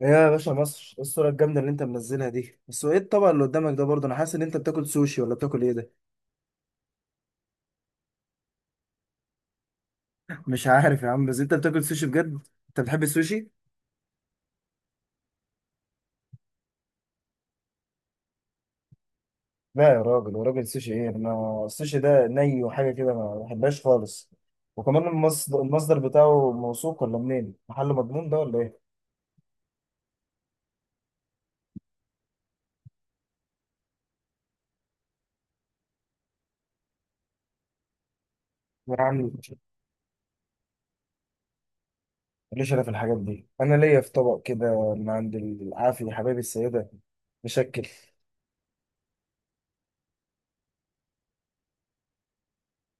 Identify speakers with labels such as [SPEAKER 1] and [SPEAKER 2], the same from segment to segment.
[SPEAKER 1] يا باشا مصر، إيه الصورة الجامدة اللي انت منزلها دي؟ بس هو ايه الطبق اللي قدامك ده؟ برضه انا حاسس ان انت بتاكل سوشي ولا بتاكل ايه ده؟ مش عارف يا عم، بس انت بتاكل سوشي بجد؟ انت بتحب السوشي؟ لا يا راجل، وراجل سوشي ايه؟ انا السوشي ده ني وحاجة كده، ما بحبهاش خالص. وكمان المصدر بتاعه موثوق ولا منين؟ محل مضمون ده ولا ايه؟ يا عم، ليش انا في الحاجات دي؟ انا ليا في طبق كده من عند العافية حبايبي السيدة، مشكل.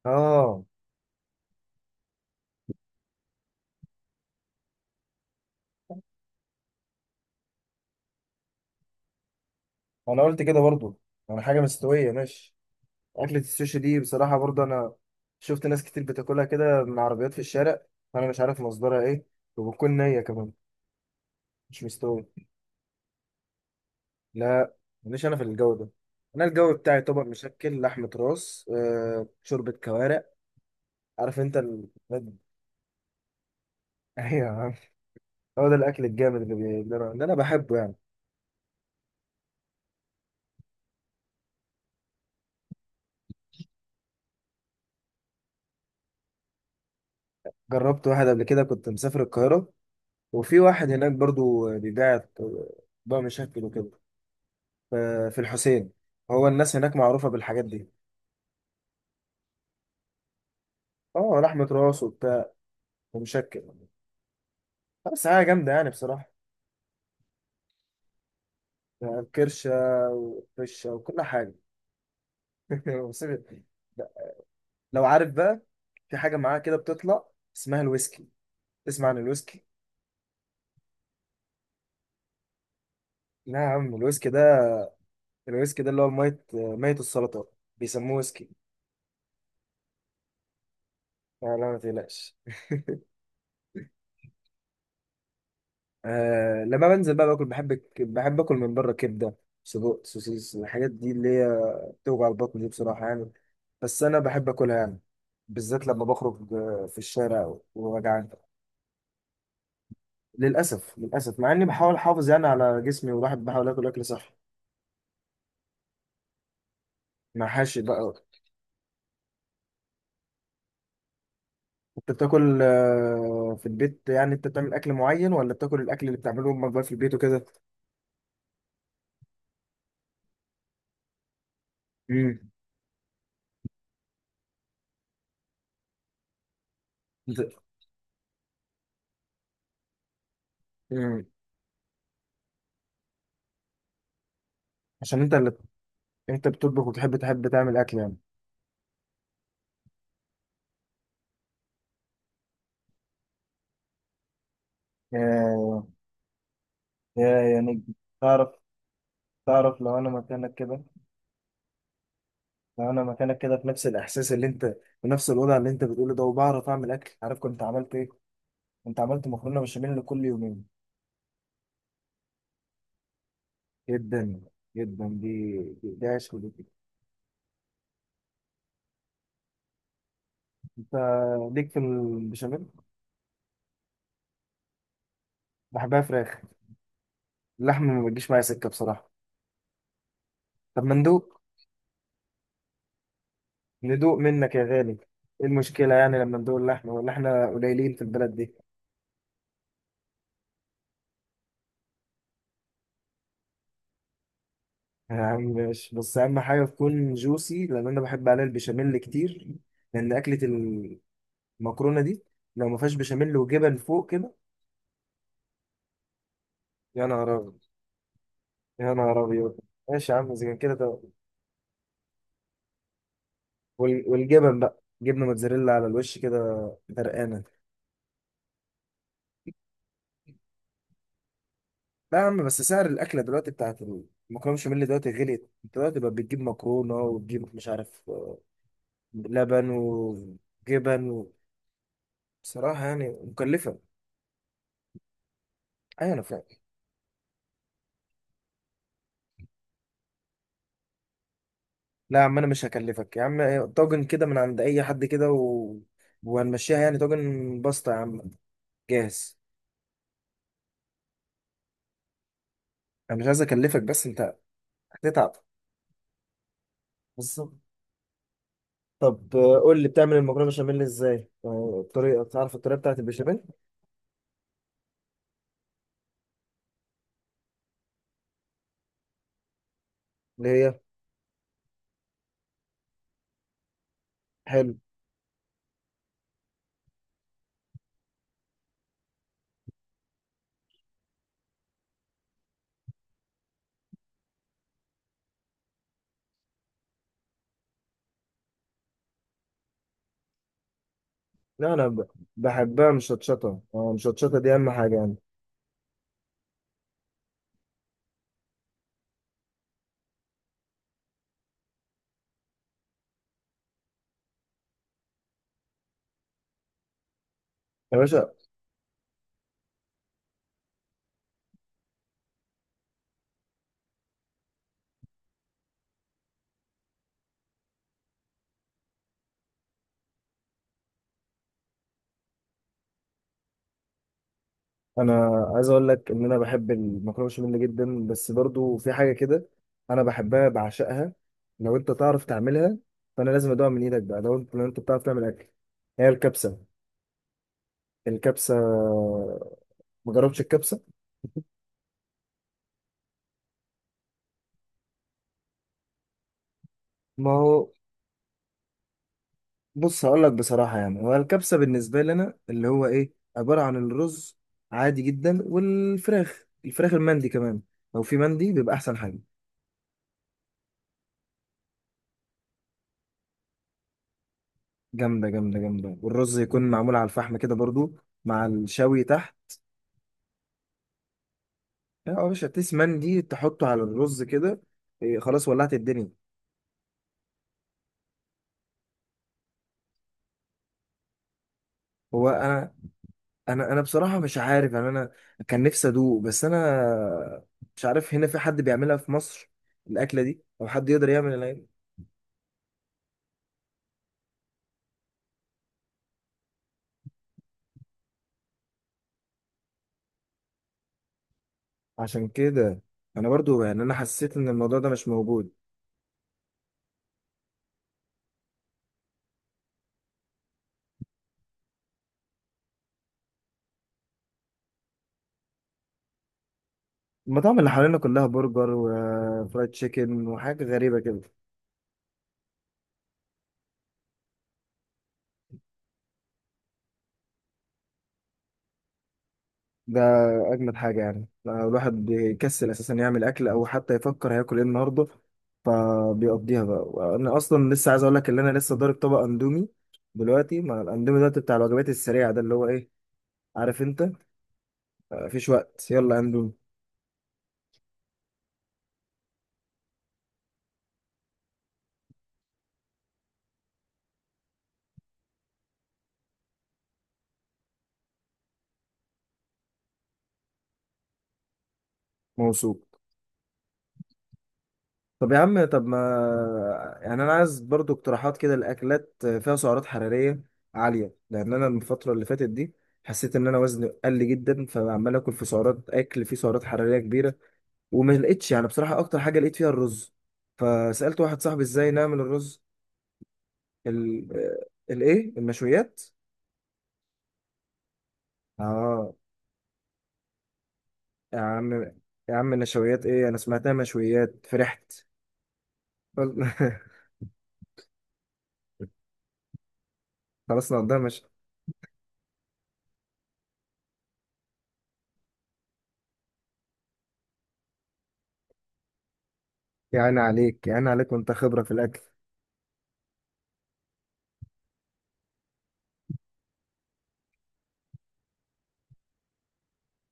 [SPEAKER 1] اه، انا قلت كده برضه. انا حاجة مستوية، ماشي. أكلة السوشي دي بصراحة، برضه أنا شفت ناس كتير بتاكلها كده من عربيات في الشارع. أنا مش عارف مصدرها إيه، وبتكون نية كمان، مش مستوي. لا، ماليش أنا في الجو ده. أنا الجو بتاعي طبق مشكل، لحمة راس، شوربة كوارع. عارف أنت ال... أيوة يا عم. هو ده الأكل الجامد اللي أنا بحبه يعني. جربت واحد قبل كده، كنت مسافر القاهرة، وفي واحد هناك برضه بيبيع طبق مشكل وكده. ف- في الحسين. هو الناس هناك معروفة بالحاجات دي. اه، لحمة راس وبتاع ومشكل. بس حاجة جامدة يعني بصراحة. يعني كرشة وفشة وكل حاجة. بس لو عارف بقى، في حاجة معاه كده بتطلع اسمها الويسكي. تسمع عن الويسكي؟ لا يا عم، الويسكي ده، الويسكي ده اللي هو مية مية، السلطات بيسموه ويسكي. لا لا، ما تقلقش. آه، لما بنزل بقى باكل بحب بحب اكل من بره كبدة، سجق، سوسيس. الحاجات دي اللي هي بتوجع البطن دي بصراحة يعني، بس انا بحب اكلها يعني، بالذات لما بخرج في الشارع وجعان. للاسف، للاسف، مع اني بحاول احافظ يعني على جسمي، والواحد بحاول اكل اكل صحي. مع حاشي بقى. انت بتاكل في البيت يعني؟ انت بتعمل اكل معين ولا بتاكل الاكل اللي بتعمله امك بقى في البيت وكده؟ امم. انت، امم، عشان انت اللي، انت بتطبخ وتحب، تحب تعمل اكل يعني؟ يا، يا نجم، تعرف، تعرف لو انا مكانك كده، لو انا مكانك كده، في نفس الاحساس اللي انت، في نفس الوضع اللي انت بتقوله ده، وبعرف اعمل اكل، عارف كنت عملت ايه؟ كنت عملت مكرونه بشاميل كل يومين. جدا، جدا دي، دي عيش، ودي انت ليك في البشاميل. بحبها فراخ. اللحمة ما بتجيش معايا سكة بصراحة. طب ما ندوق، ندوق منك يا غالي. ايه المشكلة يعني لما ندوق اللحمة؟ ولا احنا قليلين في البلد دي؟ يا عم ماشي، بس أهم حاجة تكون جوسي، لأن أنا بحب عليها البشاميل كتير، لأن أكلة المكرونة دي لو ما فيهاش بشاميل وجبن فوق كده. يا نهار أبيض، يا نهار أبيض. ماشي يا عم، إذا كان كده ده-. والجبن بقى جبنة موتزاريلا على الوش كده، غرقانة. لا يا عم، بس سعر الاكله دلوقتي، بتاعت المكرونه بشاميل دلوقتي غليت. انت دلوقتي بقى بتجيب مكرونه، وتجيب مش عارف لبن وجبن و... بصراحه يعني مكلفه. ايوه انا فاهم. لا يا عم، انا مش هكلفك يا عم، طاجن كده من عند اي حد كده و... وهنمشيها يعني، طاجن بسطه يا عم، جاهز. انا مش عايز اكلفك، بس انت هتتعب. بالظبط. طب قول لي، بتعمل المكرونه بشاميل ازاي؟ الطريقه، تعرف الطريقه بتاعت البشاميل؟ اللي هي، حلو. لا انا بحبها مشطشطه. اه، مشطشطه دي اهم حاجه يعني. يا باشا، انا عايز اقول لك ان انا بحب المكرونه بشاميل جدا، بس برضو في حاجه كده انا بحبها، بعشقها. لو انت تعرف تعملها، فانا لازم ادوها من ايدك بقى، لو انت، لو انت بتعرف تعمل اكل. هي الكبسه. الكبسه، ما جربتش الكبسه. ما هو، بص هقول لك بصراحه يعني، هو الكبسه بالنسبه لي انا اللي هو ايه، عباره عن الرز عادي جدا، والفراخ، الفراخ المندي كمان. لو في مندي بيبقى احسن حاجه. جامدة جامدة جامدة، والرز يكون معمول على الفحم كده برضو، مع الشوي تحت. اه يا باشا، تيس مان دي تحطه على الرز كده، إيه، خلاص ولعت الدنيا. هو انا، انا بصراحة مش عارف يعني. انا كان نفسي ادوق، بس انا مش عارف هنا في حد بيعملها في مصر، الاكلة دي، او حد يقدر يعمل الأكلة دي. عشان كده انا برضو يعني، انا حسيت ان الموضوع ده مش موجود. المطاعم اللي حوالينا كلها برجر وفرايد تشيكن وحاجة غريبة كده. ده اجمد حاجه يعني، الواحد بيكسل اساسا يعمل اكل، او حتى يفكر هياكل ايه النهارده، فبيقضيها بقى. انا اصلا لسه عايز اقول لك ان انا لسه ضارب طبق اندومي دلوقتي. ما الاندومي دلوقتي بتاع الوجبات السريعه ده، اللي هو ايه، عارف انت، مفيش وقت يلا اندومي. موصول. طب يا عم، طب ما يعني انا عايز برضو اقتراحات كده لاكلات فيها سعرات حراريه عاليه، لان انا الفتره اللي فاتت دي حسيت ان انا وزني قل جدا، فعمال اكل في سعرات، اكل فيه سعرات حراريه كبيره. وما لقيتش يعني بصراحة أكتر حاجة لقيت فيها الرز، فسألت واحد صاحبي إزاي نعمل الرز. ال الإيه، المشويات. آه يا عم، يا عم النشويات إيه؟ أنا سمعتها مشويات، فرحت. فل- خلاص نقضيها، مش. يعني عليك، يعني عليك، وأنت خبرة في الأكل.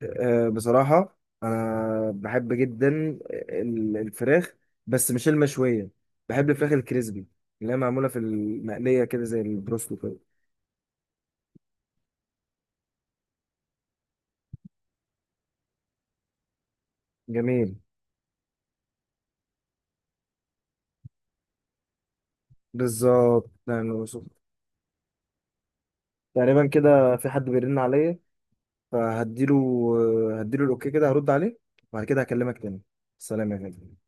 [SPEAKER 1] آه، بصراحة أنا بحب جدا الفراخ، بس مش المشوية. بحب الفراخ الكريسبي اللي هي معمولة في المقلية كده، زي البروستو كده. جميل. بالظبط يعني. تقريبا كده في حد بيرن عليا، فهديله، هديله الاوكي كده، هرد عليه، وبعد كده هكلمك تاني. سلام يا غالي.